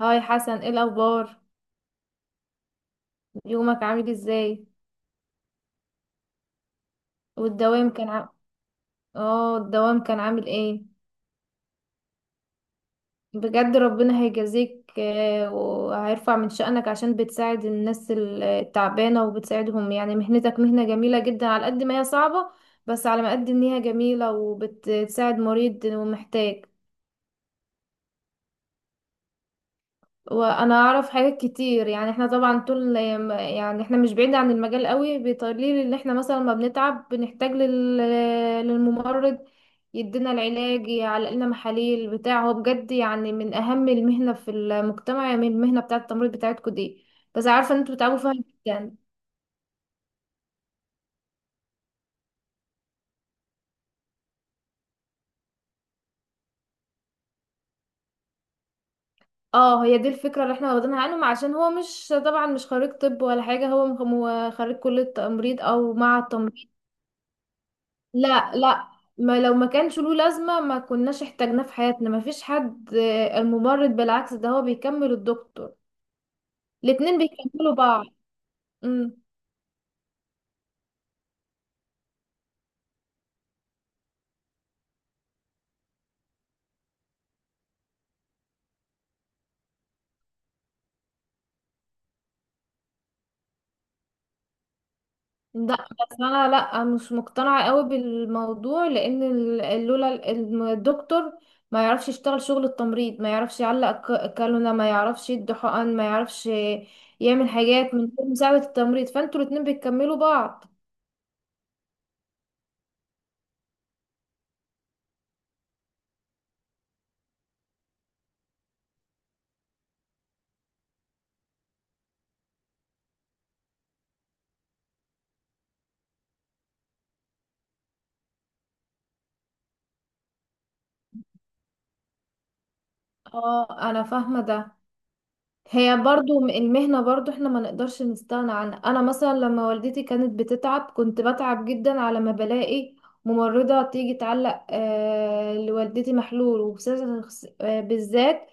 هاي حسن، ايه الاخبار؟ يومك عامل ازاي؟ والدوام كان ع... اه الدوام كان عامل ايه؟ بجد ربنا هيجازيك، وهيرفع من شأنك عشان بتساعد الناس التعبانة، وبتساعدهم. يعني مهنتك مهنة جميلة جدا على قد ما هي صعبة، بس على ما قد ان هي جميلة وبتساعد مريض ومحتاج. وانا اعرف حاجات كتير، يعني احنا طبعا طول، يعني احنا مش بعيد عن المجال قوي. بيطليل ان احنا مثلا ما بنتعب، بنحتاج للممرض يدينا العلاج، يعلق لنا محاليل بتاع. هو بجد يعني من اهم المهنة في المجتمع، من المهنة بتاعة التمريض بتاعتكم دي. بس عارفة ان انتوا بتتعبوا فيها جدا. اه، هي دي الفكرة اللي احنا واخدينها عنهم، عشان هو مش طبعا، مش خريج طب ولا حاجة، هو خريج كلية تمريض او مع التمريض. لا، لا. ما لو ما كانش له لازمة، ما كناش احتاجناه في حياتنا، ما فيش حد. الممرض بالعكس ده هو بيكمل الدكتور. الاتنين بيكملوا بعض. امم لا، بس انا لا مش مقتنعة قوي بالموضوع، لان لولا الدكتور ما يعرفش يشتغل شغل التمريض، ما يعرفش يعلق كالونة، ما يعرفش يدي حقن، ما يعرفش يعمل حاجات من غير مساعدة التمريض. فانتوا الاتنين بيكملوا بعض. اه، انا فاهمة ده. هي برضو المهنة برضو احنا ما نقدرش نستغنى عنها. انا مثلا لما والدتي كانت بتتعب، كنت بتعب جدا على ما بلاقي ممرضة تيجي تعلق لوالدتي محلول بالذات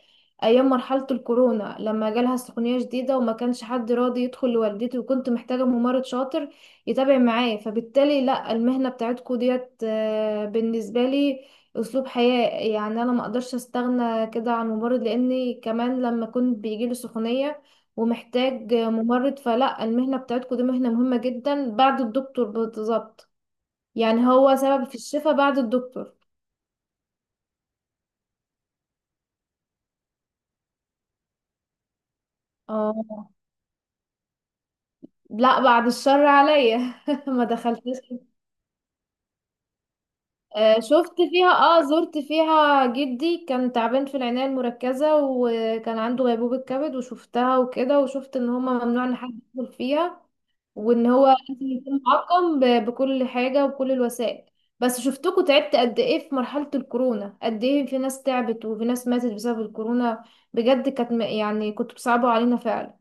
ايام مرحلة الكورونا لما جالها سخونية شديدة، وما كانش حد راضي يدخل لوالدتي، وكنت محتاجة ممرض شاطر يتابع معايا. فبالتالي لا، المهنة بتاعتكو ديت بالنسبة لي اسلوب حياة. يعني انا ما اقدرش استغنى كده عن ممرض، لاني كمان لما كنت بيجيلي سخونية ومحتاج ممرض. فلا، المهنة بتاعتكم دي مهنة مهمة جدا بعد الدكتور بالظبط، يعني هو سبب في الشفاء بعد الدكتور. اه، لا بعد الشر عليا. ما دخلتش. شفت فيها، زرت فيها، جدي كان تعبان في العناية المركزة وكان عنده غيبوبة كبد، وشفتها وكده. وشفت ان هما ممنوع ان حد يدخل فيها، وان هو لازم يكون معقم بكل حاجة وبكل الوسائل. بس شفتكوا تعبت قد ايه في مرحلة الكورونا، قد ايه في ناس تعبت وفي ناس ماتت بسبب الكورونا. بجد كانت يعني كنتوا بتصعبوا علينا فعلا.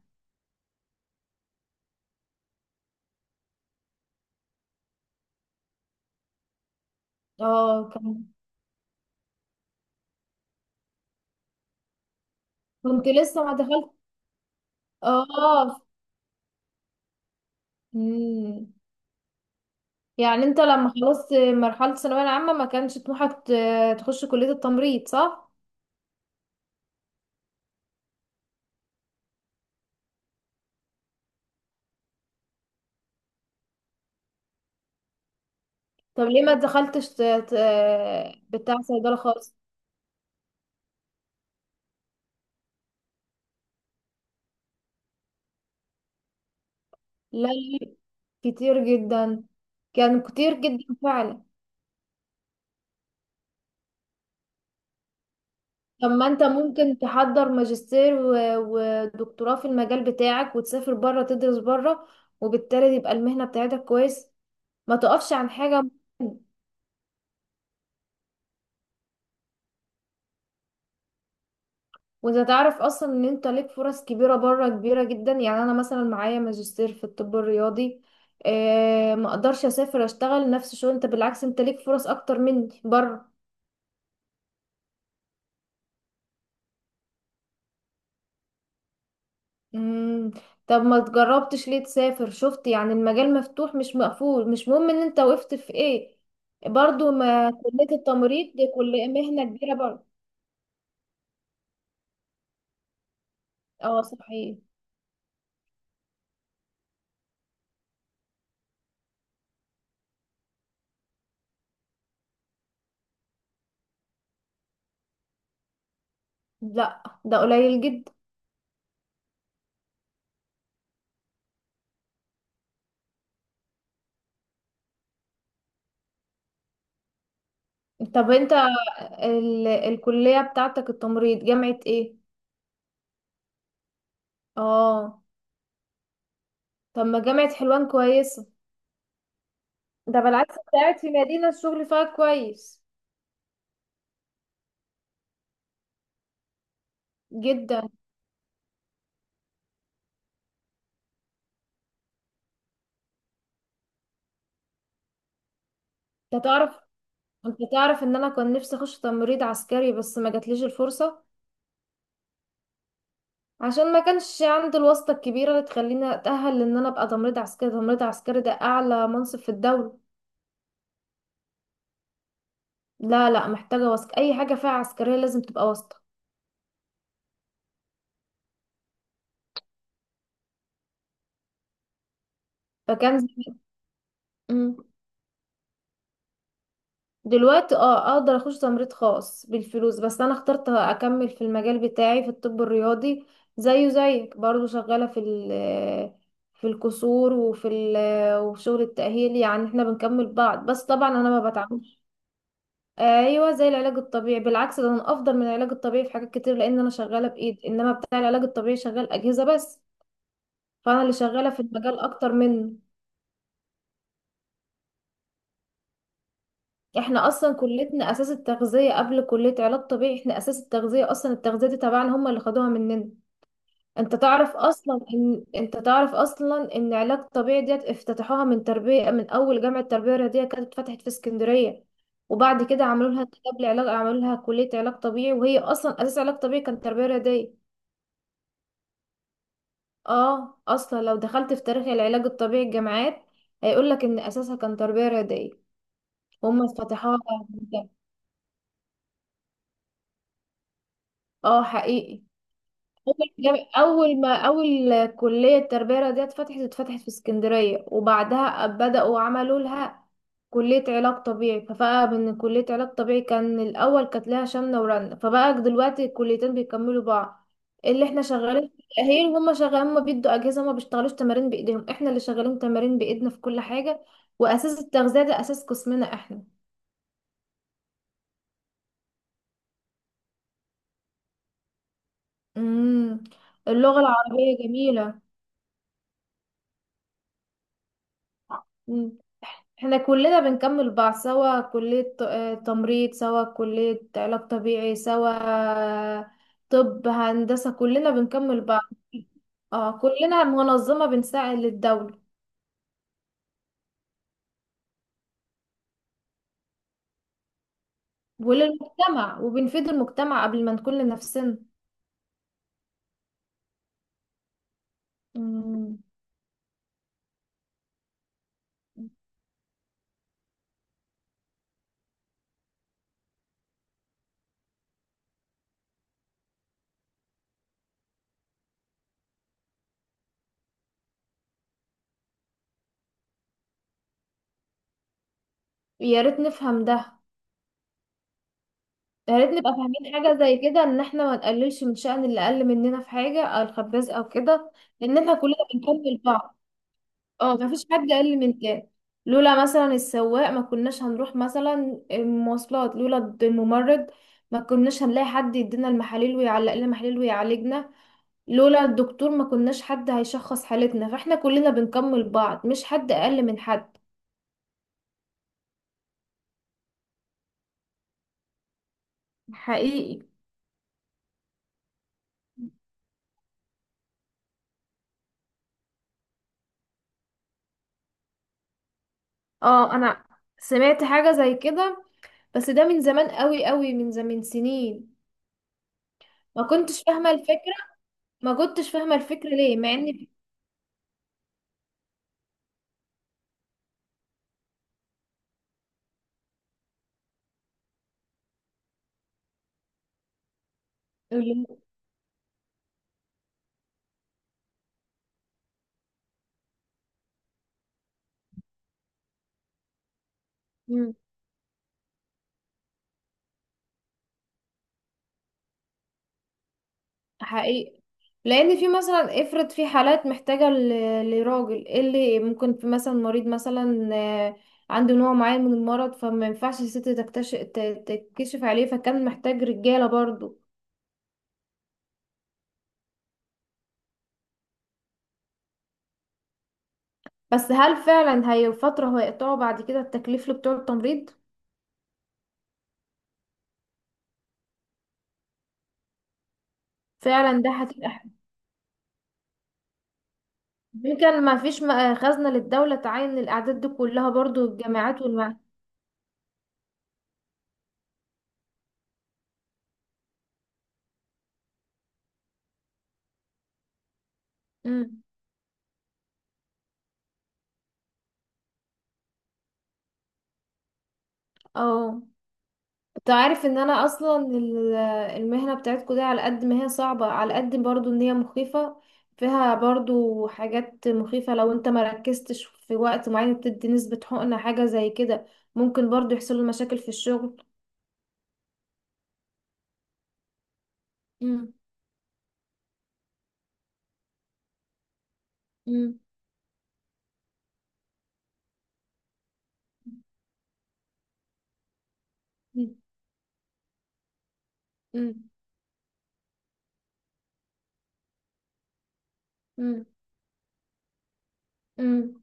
اه كان-. كنت لسه ما دخلت. اه. مم. يعني انت لما خلصت مرحلة الثانوية العامة، ما كانش طموحك تخش كلية التمريض، صح؟ طب ليه ما دخلتش بتاع صيدلة خالص؟ لا، لا، كتير جدا. كان كتير جدا فعلا. طب ما انت ممكن تحضر ماجستير ودكتوراه في المجال بتاعك، وتسافر بره تدرس بره، وبالتالي يبقى المهنة بتاعتك كويس، ما تقفش عن حاجة. وانت تعرف اصلا ان انت ليك فرص كبيرة بره، كبيرة جدا. يعني انا مثلا معايا ماجستير في الطب الرياضي، اه ما اقدرش اسافر اشتغل نفس الشغل. انت بالعكس، انت ليك فرص اكتر مني بره. مم. طب ما جربتش ليه تسافر؟ شفت يعني المجال مفتوح مش مقفول، مش مهم ان انت وقفت في ايه، برضو ما كلية التمريض دي كلية مهنة كبيرة برضو. اه صحيح. لا، ده قليل جدا. طب انت الكلية بتاعتك التمريض جامعة ايه؟ اه. طب ما جامعة حلوان كويسة، ده بالعكس بتاعت في مدينة، الشغل فيها كويس جدا. انت تعرف انت تعرف ان انا كان نفسي اخش تمريض عسكري، بس ما جاتليش الفرصة، عشان ما كانش عندي الواسطة الكبيرة اللي تخليني أتأهل لأن أنا أبقى تمريض عسكري. تمريض عسكري ده أعلى منصب في الدولة. لا، لا، محتاجة واسطة، أي حاجة فيها عسكرية لازم تبقى واسطة. فكان زمان-. مم. دلوقتي أقدر أخش تمريض خاص بالفلوس، بس أنا اخترت أكمل في المجال بتاعي في الطب الرياضي، زيه زيك برضه، شغالة في ال في الكسور، وفي شغل التأهيل. يعني احنا بنكمل بعض، بس طبعا أنا ما بتعاملش. ايوه زي العلاج الطبيعي. بالعكس ده انا افضل من العلاج الطبيعي في حاجات كتير، لان انا شغاله بايد، انما بتاع العلاج الطبيعي شغال اجهزه بس، فانا اللي شغاله في المجال اكتر منه. احنا اصلا كليتنا اساس التغذيه قبل كليه علاج طبيعي، احنا اساس التغذيه اصلا، التغذيه دي تبعنا، هم اللي خدوها مننا. انت تعرف اصلا ان علاج طبيعي ديت افتتحوها من تربيه، من اول جامعه تربيه رياضيه كانت اتفتحت في اسكندريه. وبعد كده عملوا لها قبل علاج، عملوا لها كليه علاج طبيعي، وهي اصلا اساس علاج طبيعي كانت تربيه رياضيه. اه اصلا لو دخلت في تاريخ العلاج الطبيعي، الجامعات هيقولك ان اساسها كان تربية رياضية، وهم فتحوها. اه حقيقي. أول جام- أول ما أول كلية تربية رياضية اتفتحت في اسكندرية، وبعدها بدأوا عملوا لها كلية علاج طبيعي، فبقى من كلية علاج طبيعي كان الأول، كانت لها شمنة ورنة، فبقى دلوقتي الكليتين بيكملوا بعض. اللي احنا شغالين في التأهيل، وهم شغالين، هما بيدوا أجهزة، هما بيشتغلوش تمارين بإيديهم، احنا اللي شغالين تمارين بإيدنا في كل حاجة، وأساس التغذية ده أساس قسمنا احنا. امم اللغة العربية جميلة. امم احنا كلنا بنكمل بعض سوا، كلية تمريض، سوا كلية علاج طبيعي، سوا طب، هندسة، كلنا بنكمل بعض. اه كلنا منظمة بنساعد للدولة وللمجتمع، وبنفيد المجتمع قبل ما نكون لنفسنا. مم. يا ريت نفهم ده. يا ريت نبقى فاهمين حاجة زي كده، ان احنا ما نقللش من شأن اللي اقل مننا في حاجة، او الخباز او كده، لان احنا كلنا بنكمل بعض. اه، مفيش حد اقل من كام. لولا مثلا السواق ما كناش هنروح مثلا المواصلات، لولا الممرض ما كناش هنلاقي حد يدينا المحاليل ويعلق لنا محاليل ويعالجنا، لولا الدكتور ما كناش حد هيشخص حالتنا، فاحنا كلنا بنكمل بعض، مش حد اقل من حد. حقيقي. اه انا سمعت حاجة زي كده، بس ده من زمان قوي قوي، من زمان سنين. ما كنتش فاهمة الفكرة ما كنتش فاهمة الفكرة ليه، مع ان حقيقي. لان في مثلا، افرض في حالات محتاجة لراجل، إيه اللي ممكن، في مثلا مريض مثلا، عنده نوع معين من المرض، فما ينفعش الست تكشف عليه، فكان محتاج رجالة برضو. بس هل فعلا هي فترة هيقطعوا بعد كده التكليف اللي بتوع التمريض؟ فعلا ده هتبقى ح-. يمكن ما فيش خزنة للدولة تعين الأعداد دي كلها برضو، الجامعات والمع. مم. اه، انت عارف ان انا اصلا المهنة بتاعتكم دي، على قد ما هي صعبة، على قد برضو ان هي مخيفة، فيها برضو حاجات مخيفة. لو انت ما ركزتش في وقت معين بتدي نسبة حقنة حاجة زي كده، ممكن برضو يحصل له مشاكل في الشغل. مم. مم. مم. مم. مم. مم.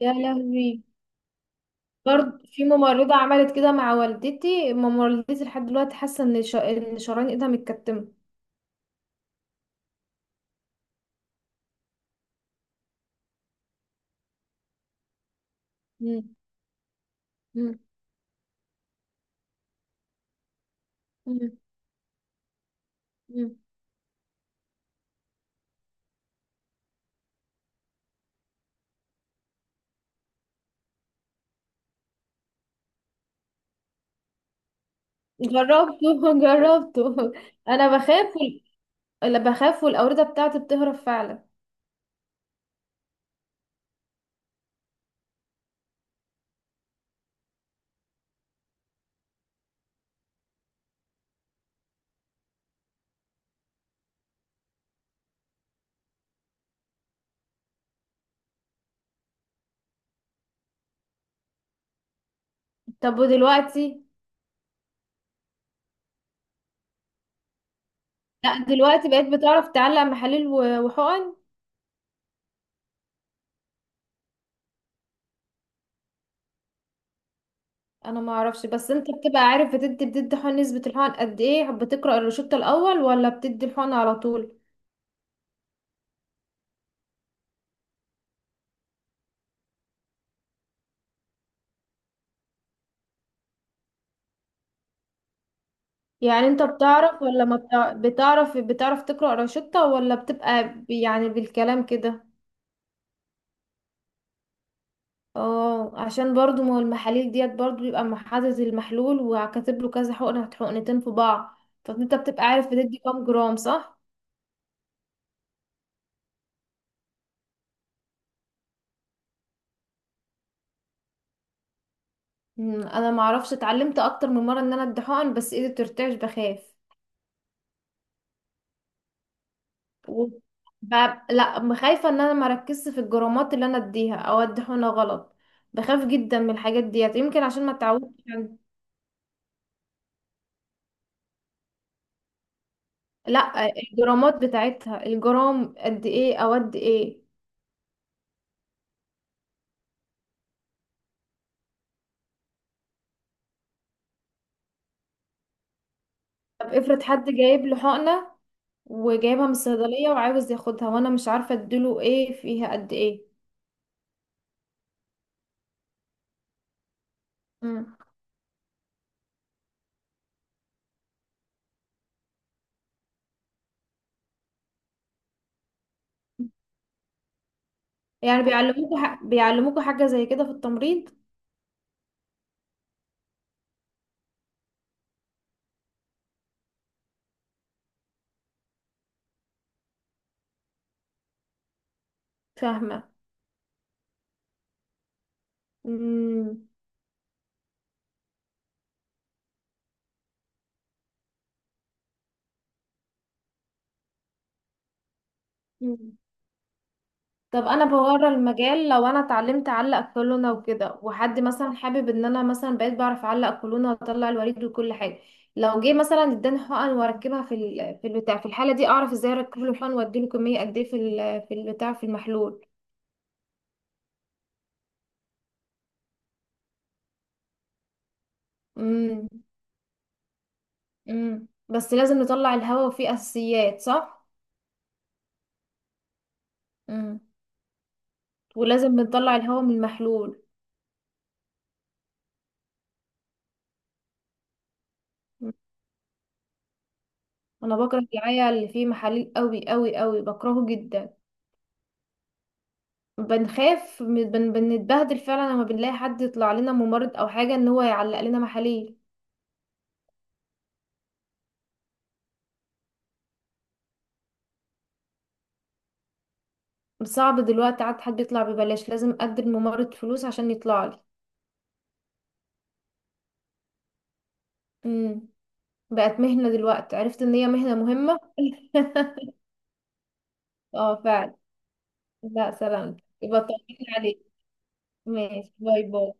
يا لهوي. برضو في ممرضة عملت كده مع والدتي، ماما والدتي لحد دلوقتي حاسة ان شرايين ايدها متكتمة. مم. مم. مم. جربته جربته. انا بخاف، اللي بخاف والاوردة بتاعتي بتهرب فعلا. طب ودلوقتي؟ لا دلوقتي بقيت بتعرف تعلق محاليل وحقن؟ انا ما اعرفش، بس انت بتبقى عارف بتدي حقن؟ نسبة الحقن قد ايه؟ بتقرأ الروشتة الاول، ولا بتدي الحقن على طول؟ يعني انت بتعرف ولا ما بتع... بتعرف بتعرف تقرأ روشتة، ولا بتبقى يعني بالكلام كده؟ اه عشان برضو، ما هو المحاليل ديت برضو بيبقى مع حاطط المحلول، وكاتب له كذا حقنة، حقنتين في بعض، فانت بتبقى عارف بتدي كام جرام، صح؟ انا ما اعرفش، اتعلمت اكتر من مره ان انا ادي حقن، بس ايدي بترتعش، بخاف. و... ب... لا، خايفه ان انا ما ركزش في الجرامات اللي انا اديها، او ادي حقنه غلط، بخاف جدا من الحاجات ديت، يمكن عشان ما اتعودتش عن-. لا الجرامات بتاعتها، الجرام قد ايه او قد ايه؟ طب افرض حد جايب له حقنه، وجايبها من الصيدلية وعاوز ياخدها، وانا مش عارفة اديله ايه، فيها قد ايه؟ مم. يعني بيعلموكوا حاجة زي كده في التمريض؟ فاهمة. مم. مم. طب انا بورا المجال، لو انا اتعلمت اعلق كولونة وكده، وحد مثلا حابب ان انا مثلا بقيت بعرف اعلق كولونة واطلع الوريد وكل حاجة، لو جه مثلا اداني حقن واركبها في البتاع، في الحالة دي اعرف ازاي اركب له الحقن، واديله كمية قد ايه في البتاع، في المحلول؟ امم. بس لازم نطلع الهواء، وفيه اساسيات، صح؟ امم، ولازم نطلع الهواء من المحلول. مم. انا بكره العيا اللي فيه محاليل قوي قوي قوي، بكرهه جدا. بنخاف من- بن بنتبهدل فعلا لما بنلاقي حد يطلع لنا ممرض او حاجه، ان هو يعلق لنا محاليل. صعب دلوقتي عاد حد يطلع ببلاش، لازم ادي الممرض فلوس عشان يطلع لي. امم بقت مهنه دلوقتي، عرفت ان هي مهنه مهمه. اه فعلا. لا سلام. يبقى طمني عليك، ماشي. باي باي.